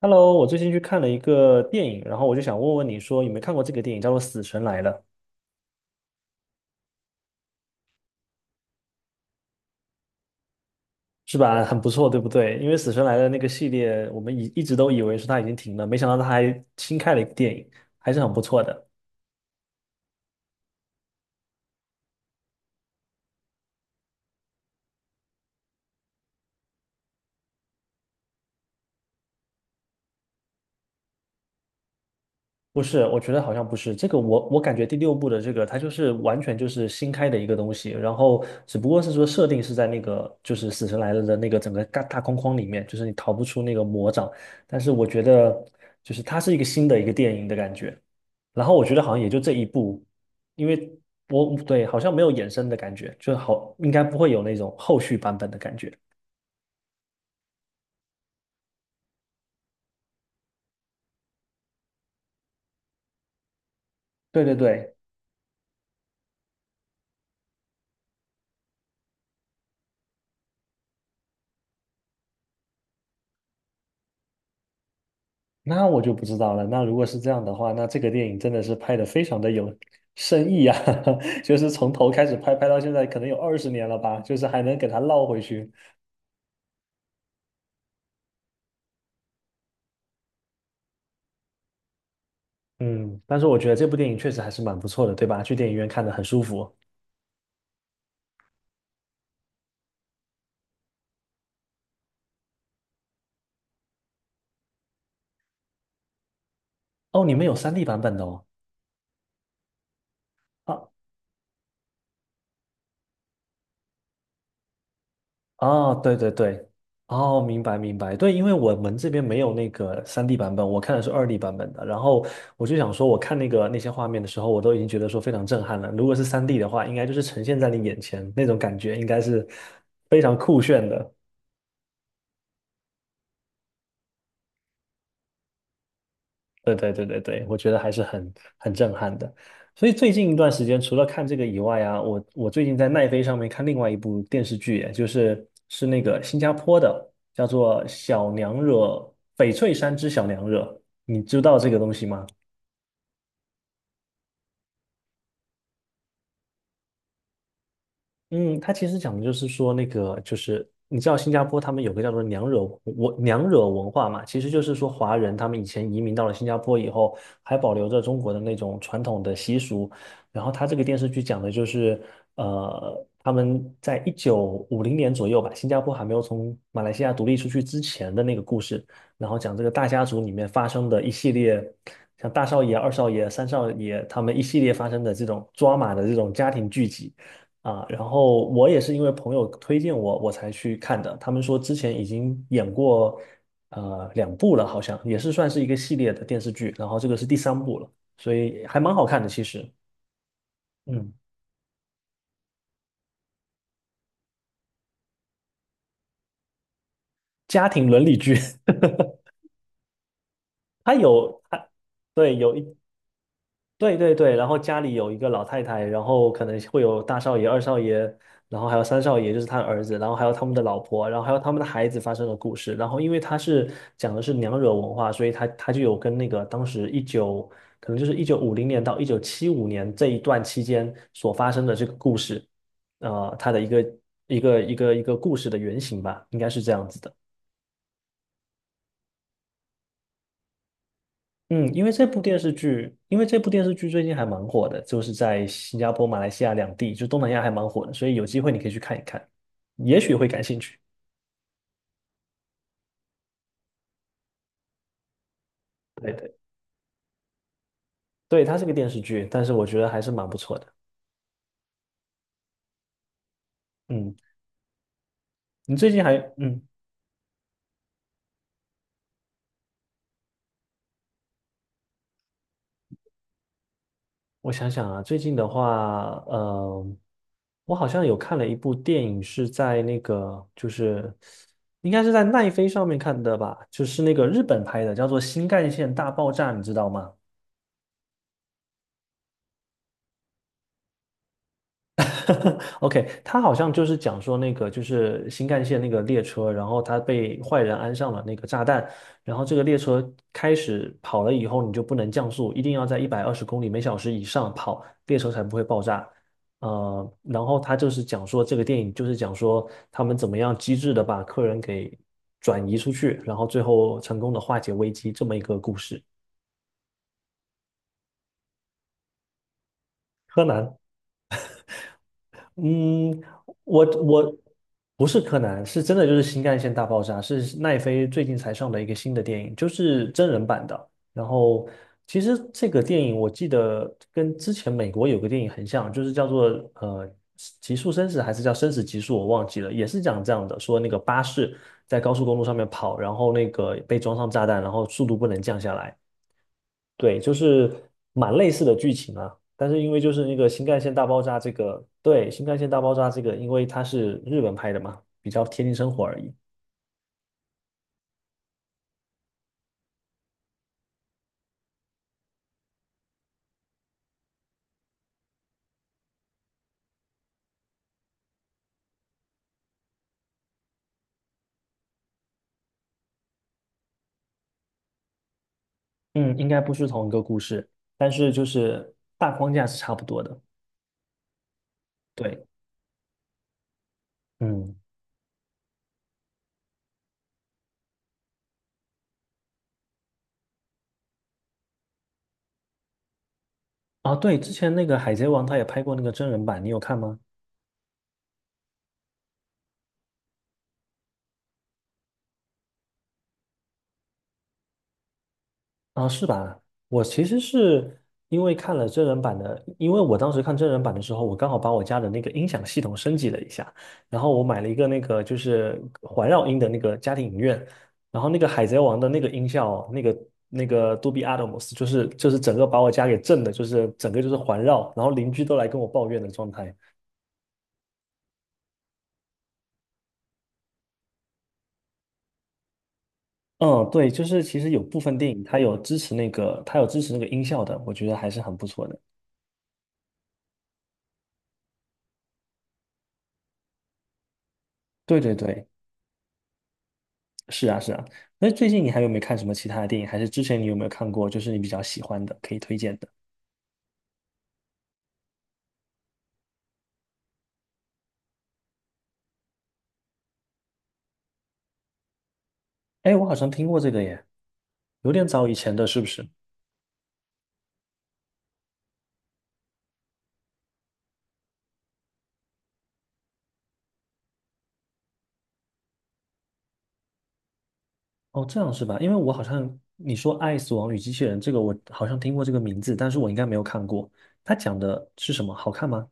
Hello，我最近去看了一个电影，然后我就想问问你说有没有看过这个电影，叫做《死神来了》，是吧？很不错，对不对？因为《死神来了》那个系列，我们一直都以为说它已经停了，没想到它还新开了一个电影，还是很不错的。不是，我觉得好像不是这个我。我感觉第六部的这个，它就是完全就是新开的一个东西，然后只不过是说设定是在那个就是死神来了的那个整个大框框里面，就是你逃不出那个魔掌。但是我觉得就是它是一个新的一个电影的感觉。然后我觉得好像也就这一部，因为我对好像没有衍生的感觉，就好应该不会有那种后续版本的感觉。对对对，那我就不知道了。那如果是这样的话，那这个电影真的是拍的非常的有深意啊，就是从头开始拍，拍到现在可能有20年了吧，就是还能给它绕回去。嗯，但是我觉得这部电影确实还是蛮不错的，对吧？去电影院看的很舒服。哦，你们有 3D 版本的哦。啊。哦，对对对，哦，明白明白，对，因为我们这边没有那个三 d 版本，我看的是2D 版本的，然后我就想说，我看那个那些画面的时候，我都已经觉得说非常震撼了。如果是三 d 的话，应该就是呈现在你眼前那种感觉，应该是非常酷炫的。对对对对对，我觉得还是很震撼的。所以最近一段时间，除了看这个以外啊，我最近在奈飞上面看另外一部电视剧，就是那个新加坡的，叫做《小娘惹》，翡翠山之小娘惹，你知道这个东西吗？嗯，他其实讲的就是说，那个就是你知道新加坡他们有个叫做娘惹文化嘛，其实就是说华人他们以前移民到了新加坡以后，还保留着中国的那种传统的习俗。然后他这个电视剧讲的就是，呃，他们在一九五零年左右吧，新加坡还没有从马来西亚独立出去之前的那个故事，然后讲这个大家族里面发生的一系列，像大少爷、二少爷、三少爷他们一系列发生的这种抓马的这种家庭聚集。啊，然后我也是因为朋友推荐我，我才去看的。他们说之前已经演过两部了，好像也是算是一个系列的电视剧，然后这个是第三部了，所以还蛮好看的其实。嗯，家庭伦理剧，它有它对有一对对对，然后家里有一个老太太，然后可能会有大少爷、二少爷，然后还有三少爷，就是他的儿子，然后还有他们的老婆，然后还有他们的孩子发生的故事。然后因为他是讲的是娘惹文化，所以他就有跟那个当时一九，可能就是一九五零年到1975年这一段期间所发生的这个故事，它的一个故事的原型吧，应该是这样子的。嗯，因为这部电视剧，因为这部电视剧最近还蛮火的，就是在新加坡、马来西亚两地，就东南亚还蛮火的，所以有机会你可以去看一看，也许会感兴趣。对对，对，它是个电视剧，但是我觉得还是蛮不错的。嗯，你最近还，嗯，我想想啊，最近的话，我好像有看了一部电影，是在那个，就是应该是在奈飞上面看的吧，就是那个日本拍的，叫做《新干线大爆炸》，你知道吗？OK，他好像就是讲说那个就是新干线那个列车，然后他被坏人安上了那个炸弹，然后这个列车开始跑了以后，你就不能降速，一定要在120公里每小时以上跑，列车才不会爆炸。然后他就是讲说这个电影就是讲说他们怎么样机智的把客人给转移出去，然后最后成功的化解危机这么一个故事。柯南，嗯，我不是柯南，是真的就是新干线大爆炸，是奈飞最近才上的一个新的电影，就是真人版的。然后其实这个电影我记得跟之前美国有个电影很像，就是叫做呃《极速生死》还是叫《生死极速》，我忘记了，也是讲这样的，说那个巴士在高速公路上面跑，然后那个被装上炸弹，然后速度不能降下来。对，就是蛮类似的剧情啊，但是因为就是那个新干线大爆炸这个，对，新干线大爆炸这个，因为它是日本拍的嘛，比较贴近生活而已。嗯，应该不是同一个故事，但是就是大框架是差不多的。对，嗯，啊，对，之前那个《海贼王》他也拍过那个真人版，你有看吗？啊，是吧？我其实是因为看了真人版的，因为我当时看真人版的时候，我刚好把我家的那个音响系统升级了一下，然后我买了一个那个就是环绕音的那个家庭影院，然后那个海贼王的那个音效，那个杜比 Atmos，就是整个把我家给震的，就是整个就是环绕，然后邻居都来跟我抱怨的状态。嗯，对，就是其实有部分电影它有支持那个，它有支持那个音效的，我觉得还是很不错的。对对对，是啊，是啊。那最近你还有没有看什么其他的电影？还是之前你有没有看过，就是你比较喜欢的，可以推荐的？哎，我好像听过这个耶，有点早以前的，是不是？哦，这样是吧？因为我好像你说《爱死亡与机器人》这个，我好像听过这个名字，但是我应该没有看过。它讲的是什么？好看吗？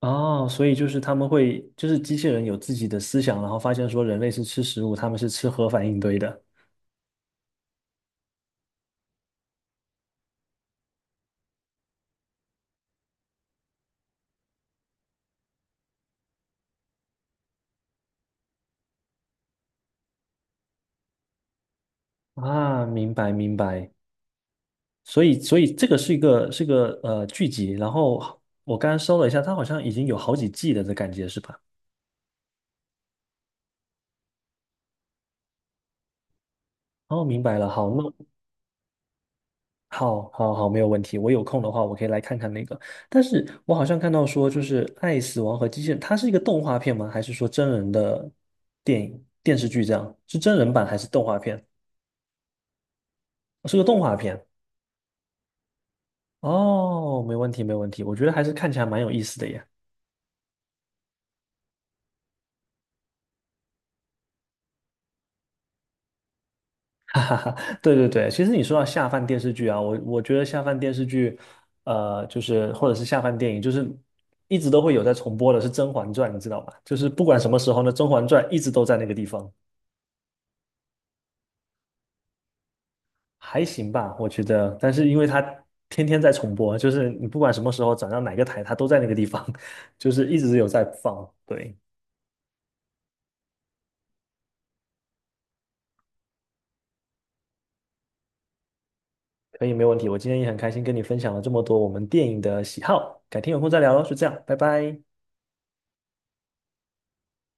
哦，所以就是他们会，就是机器人有自己的思想，然后发现说人类是吃食物，他们是吃核反应堆的。啊，明白明白。所以，所以这个是一个剧集，然后我刚刚搜了一下，它好像已经有好几季了的感觉是吧？哦，明白了，好，那好好好，没有问题。我有空的话，我可以来看看那个。但是我好像看到说，就是《爱死亡和机器人》，它是一个动画片吗？还是说真人的电影电视剧这样？是真人版还是动画片？哦是个动画片。哦，没问题，没问题。我觉得还是看起来蛮有意思的耶。对对对，其实你说到下饭电视剧啊，我觉得下饭电视剧，就是或者是下饭电影，就是一直都会有在重播的是《甄嬛传》，你知道吗？就是不管什么时候呢，《甄嬛传》一直都在那个地方，还行吧，我觉得。但是因为它天天在重播，就是你不管什么时候转到哪个台，它都在那个地方，就是一直有在放。对，可以，没问题。我今天也很开心跟你分享了这么多我们电影的喜好，改天有空再聊喽，就这样，拜拜。